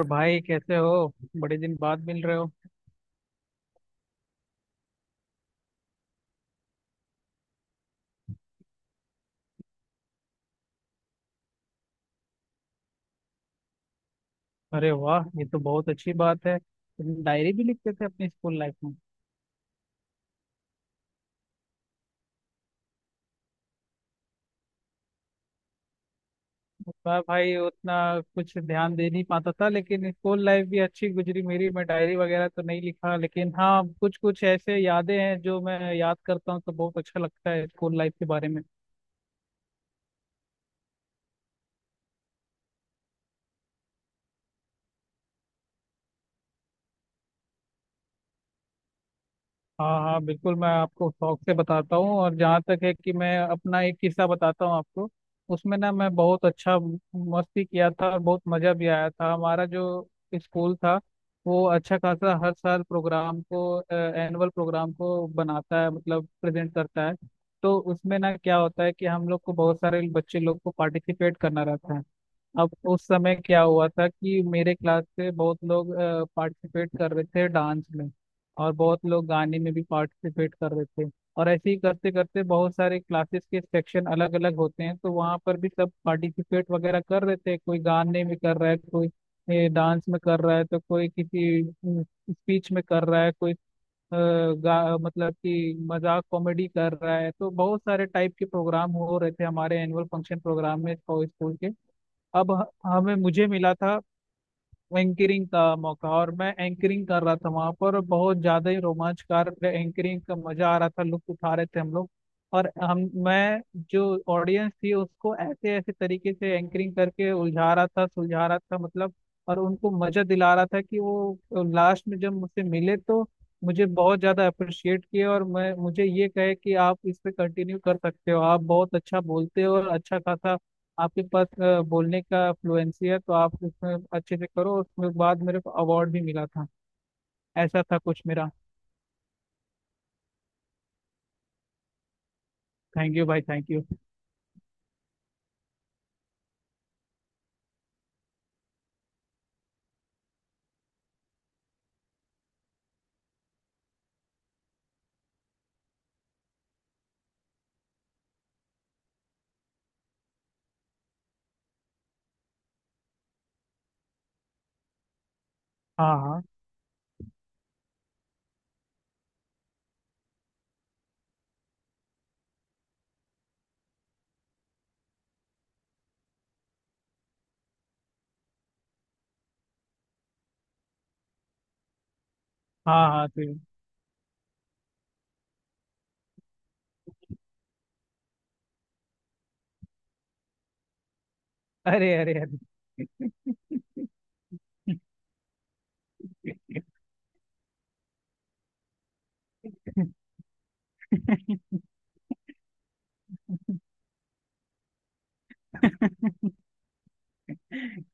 और भाई कैसे हो। बड़े दिन बाद मिल रहे हो। अरे वाह, ये तो बहुत अच्छी बात है। तुम डायरी भी लिखते थे अपनी स्कूल लाइफ में। मैं भाई उतना कुछ ध्यान दे नहीं पाता था, लेकिन स्कूल लाइफ भी अच्छी गुजरी मेरी। मैं डायरी वगैरह तो नहीं लिखा, लेकिन हाँ कुछ कुछ ऐसे यादें हैं जो मैं याद करता हूँ तो बहुत अच्छा लगता है स्कूल लाइफ के बारे में। हाँ हाँ बिल्कुल, मैं आपको शौक से बताता हूँ। और जहाँ तक है कि मैं अपना एक किस्सा बताता हूँ आपको। उसमें ना मैं बहुत अच्छा मस्ती किया था और बहुत मज़ा भी आया था। हमारा जो स्कूल था वो अच्छा खासा हर साल प्रोग्राम को एनुअल प्रोग्राम को बनाता है, मतलब प्रेजेंट करता है। तो उसमें ना क्या होता है कि हम लोग को, बहुत सारे बच्चे लोग को पार्टिसिपेट करना रहता है। अब उस समय क्या हुआ था कि मेरे क्लास से बहुत लोग पार्टिसिपेट कर रहे थे डांस में, और बहुत लोग गाने में भी पार्टिसिपेट कर रहे थे। और ऐसे ही करते करते बहुत सारे क्लासेस के सेक्शन अलग अलग होते हैं तो वहाँ पर भी सब पार्टिसिपेट वगैरह कर रहे थे। कोई गाने में कर रहा है, कोई डांस में कर रहा है, तो कोई किसी स्पीच में कर रहा है, कोई अ, मतलब कि मजाक कॉमेडी कर रहा है। तो बहुत सारे टाइप के प्रोग्राम हो रहे थे हमारे एनुअल फंक्शन प्रोग्राम में स्कूल के। अब हमें मुझे मिला था एंकरिंग का मौका, और मैं एंकरिंग कर रहा था वहां पर, और बहुत ज्यादा ही रोमांचकार एंकरिंग का मजा आ रहा था, लुत्फ उठा रहे थे हम लोग। और हम मैं जो ऑडियंस थी उसको ऐसे ऐसे तरीके से एंकरिंग करके उलझा रहा था सुलझा रहा था, मतलब। और उनको मजा दिला रहा था कि वो लास्ट में जब मुझसे मिले तो मुझे बहुत ज्यादा अप्रिशिएट किए। और मैं मुझे ये कहे कि आप इस पे कंटिन्यू कर सकते हो, आप बहुत अच्छा बोलते हो और अच्छा खासा आपके पास बोलने का फ्लुएंसी है, तो आप उसमें अच्छे से करो। उसमें बाद मेरे को अवार्ड भी मिला था। ऐसा था कुछ मेरा। थैंक यू भाई, थैंक यू। हाँ हाँ। हाँ हाँ। तो अरे अरे अरे!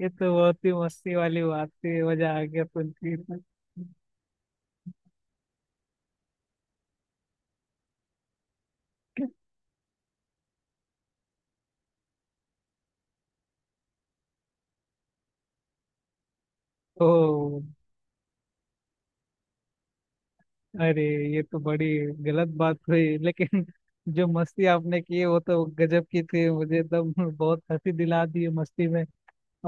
ये तो बहुत ही मस्ती वाली बात थी, मजा आ गया सुन के। ओ, अरे! ये तो बड़ी गलत बात हुई, लेकिन जो मस्ती आपने की है, वो तो गजब की थी। मुझे एकदम बहुत हंसी दिला दी है मस्ती में।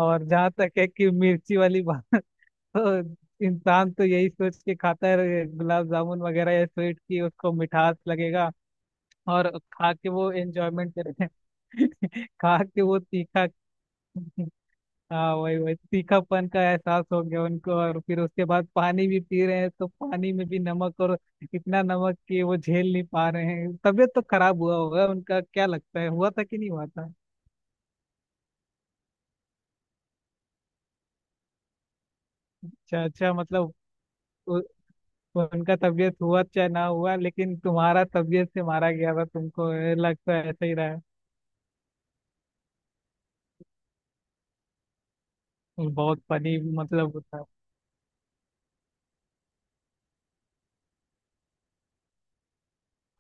और जहाँ तक है कि मिर्ची वाली बात तो इंसान तो यही सोच के खाता है गुलाब जामुन वगैरह या स्वीट की उसको मिठास लगेगा। और खा के वो एंजॉयमेंट करे खा के वो तीखा। हाँ, वही वही तीखापन का एहसास हो गया उनको। और फिर उसके बाद पानी भी पी रहे हैं तो पानी में भी नमक, और इतना नमक कि वो झेल नहीं पा रहे हैं। तबीयत तो खराब हुआ होगा उनका, क्या लगता है? हुआ था कि नहीं हुआ था? अच्छा अच्छा, मतलब उनका तबीयत हुआ चाहे ना हुआ, लेकिन तुम्हारा तबीयत से मारा गया था तुमको, ये लगता है। ऐसा ही रहा। है बहुत फनी, मतलब वो था।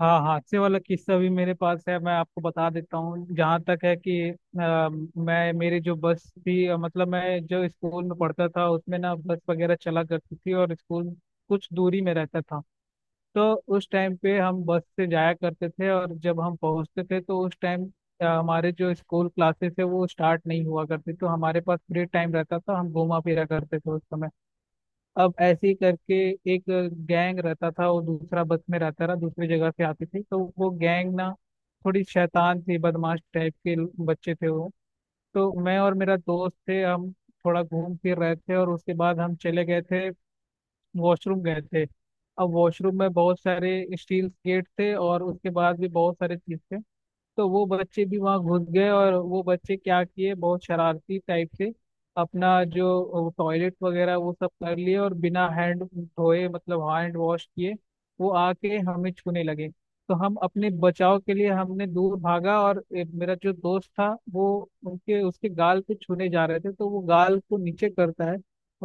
हाँ हादसे वाला किस्सा भी मेरे पास है, मैं आपको बता देता हूँ। जहाँ तक है कि मैं मेरी जो बस थी, मतलब मैं जो स्कूल में पढ़ता था उसमें ना बस वगैरह चला करती थी, और स्कूल कुछ दूरी में रहता था। तो उस टाइम पे हम बस से जाया करते थे, और जब हम पहुंचते थे तो उस टाइम हमारे जो स्कूल क्लासेस है वो स्टार्ट नहीं हुआ करती, तो हमारे पास फ्री टाइम रहता था, हम घूमा फिरा करते थे उस समय। अब ऐसे ही करके एक गैंग रहता था, वो दूसरा बस में रहता था, दूसरी जगह से आती थी, तो वो गैंग ना थोड़ी शैतान थी, बदमाश टाइप के बच्चे थे वो। तो मैं और मेरा दोस्त थे, हम थोड़ा घूम फिर रहे थे, और उसके बाद हम चले गए थे, वॉशरूम गए थे। अब वॉशरूम में बहुत सारे स्टील गेट थे, और उसके बाद भी बहुत सारे चीज थे। तो वो बच्चे भी वहाँ घुस गए, और वो बच्चे क्या किए, बहुत शरारती टाइप से अपना जो टॉयलेट वगैरह वो सब कर लिए और बिना हैंड धोए, मतलब हैंड वॉश किए, वो आके हमें छूने लगे। तो हम अपने बचाव के लिए हमने दूर भागा, और मेरा जो दोस्त था वो उनके उसके गाल पे छूने जा रहे थे तो वो गाल को नीचे करता है।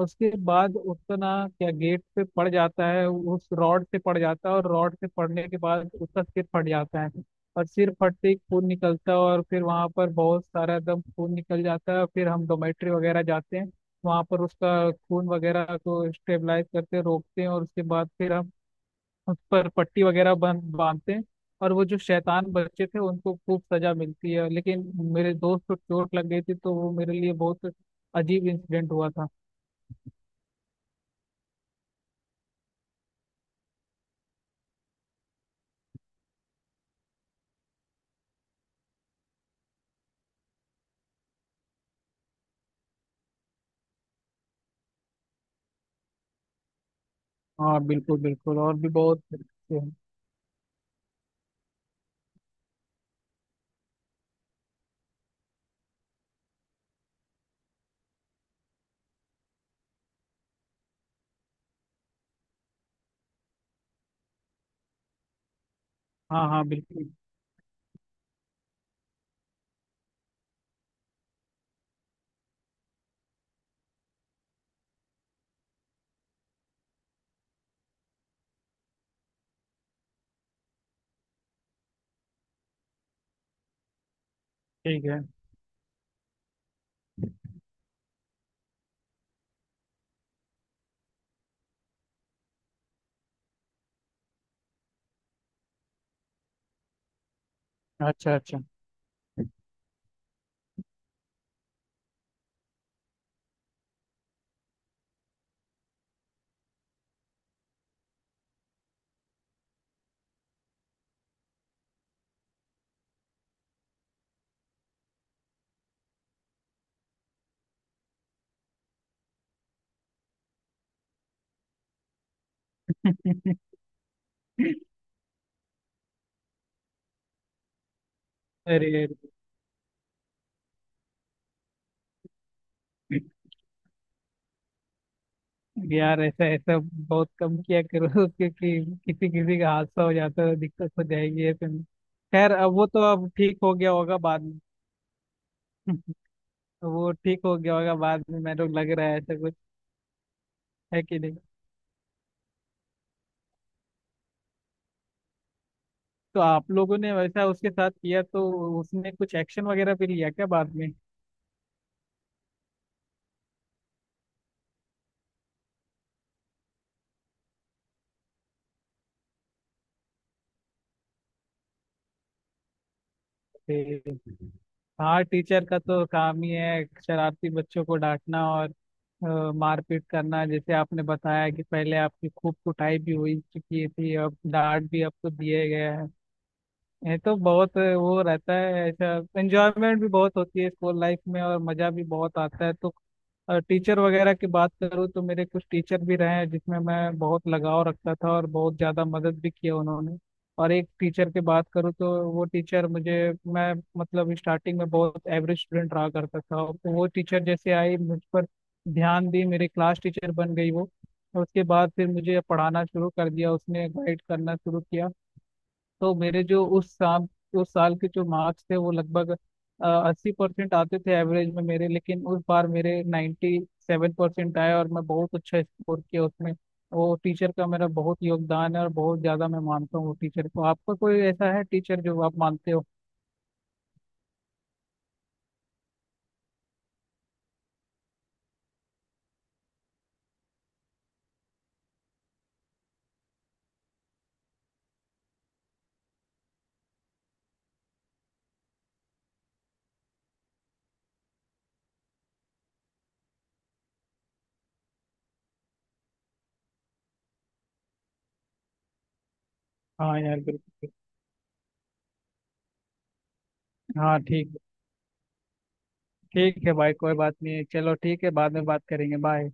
उसके बाद उसका ना क्या गेट पे पड़ जाता है, उस रॉड से पड़ जाता है, और रॉड से पड़ने के बाद उसका सिर फट जाता है। और सिर फट से ही खून निकलता है, और फिर वहां पर बहुत सारा एकदम खून निकल जाता है। और फिर हम डोमेट्री वगैरह जाते हैं, वहां पर उसका खून वगैरह को स्टेबलाइज करते हैं, रोकते हैं, और उसके बाद फिर हम उस पर पट्टी वगैरह बन बांधते हैं। और वो जो शैतान बच्चे थे उनको खूब सजा मिलती है, लेकिन मेरे दोस्त को चोट लग गई थी, तो वो मेरे लिए बहुत अजीब इंसिडेंट हुआ था। हाँ बिल्कुल बिल्कुल, और भी बहुत से हैं। हाँ हाँ बिल्कुल। ठीक है। अच्छा अच्छा। अरे अरे। यार ऐसा ऐसा बहुत कम किया करो क्योंकि किसी किसी का हादसा हो जाता है, दिक्कत हो जाएगी ऐसे में। खैर, अब वो तो अब ठीक हो गया होगा बाद में। वो ठीक हो गया होगा बाद में, मेरे को लग रहा है ऐसा कुछ। है कि नहीं? तो आप लोगों ने वैसा उसके साथ किया, तो उसने कुछ एक्शन वगैरह भी लिया क्या बाद में? ठीक। हाँ, टीचर का तो काम ही है शरारती बच्चों को डांटना और मारपीट करना। जैसे आपने बताया कि पहले आपकी खूब कुटाई भी हुई चुकी थी, अब डांट भी आपको दिए गया है। ये तो बहुत वो रहता है ऐसा, एंजॉयमेंट भी बहुत होती है स्कूल लाइफ में और मज़ा भी बहुत आता है। तो टीचर वगैरह की बात करूँ तो मेरे कुछ टीचर भी रहे हैं जिसमें मैं बहुत लगाव रखता था, और बहुत ज़्यादा मदद भी किया उन्होंने। और एक टीचर की बात करूँ तो वो टीचर मुझे, मैं मतलब स्टार्टिंग में बहुत एवरेज स्टूडेंट रहा करता था, तो वो टीचर जैसे आई मुझ पर ध्यान दी, मेरी क्लास टीचर बन गई वो, और उसके बाद फिर मुझे पढ़ाना शुरू कर दिया उसने, गाइड करना शुरू किया। तो मेरे जो उस साल के जो मार्क्स थे वो लगभग 80% आते थे एवरेज में मेरे, लेकिन उस बार मेरे 97% आए और मैं बहुत अच्छा स्कोर किया उसमें। वो टीचर का मेरा बहुत योगदान है, और बहुत ज़्यादा मैं मानता हूँ वो टीचर को। आपका कोई ऐसा है टीचर जो आप मानते हो? हाँ यार बिल्कुल। हाँ ठीक। ठीक है भाई, कोई बात नहीं है, चलो ठीक है, बाद में बात करेंगे। बाय।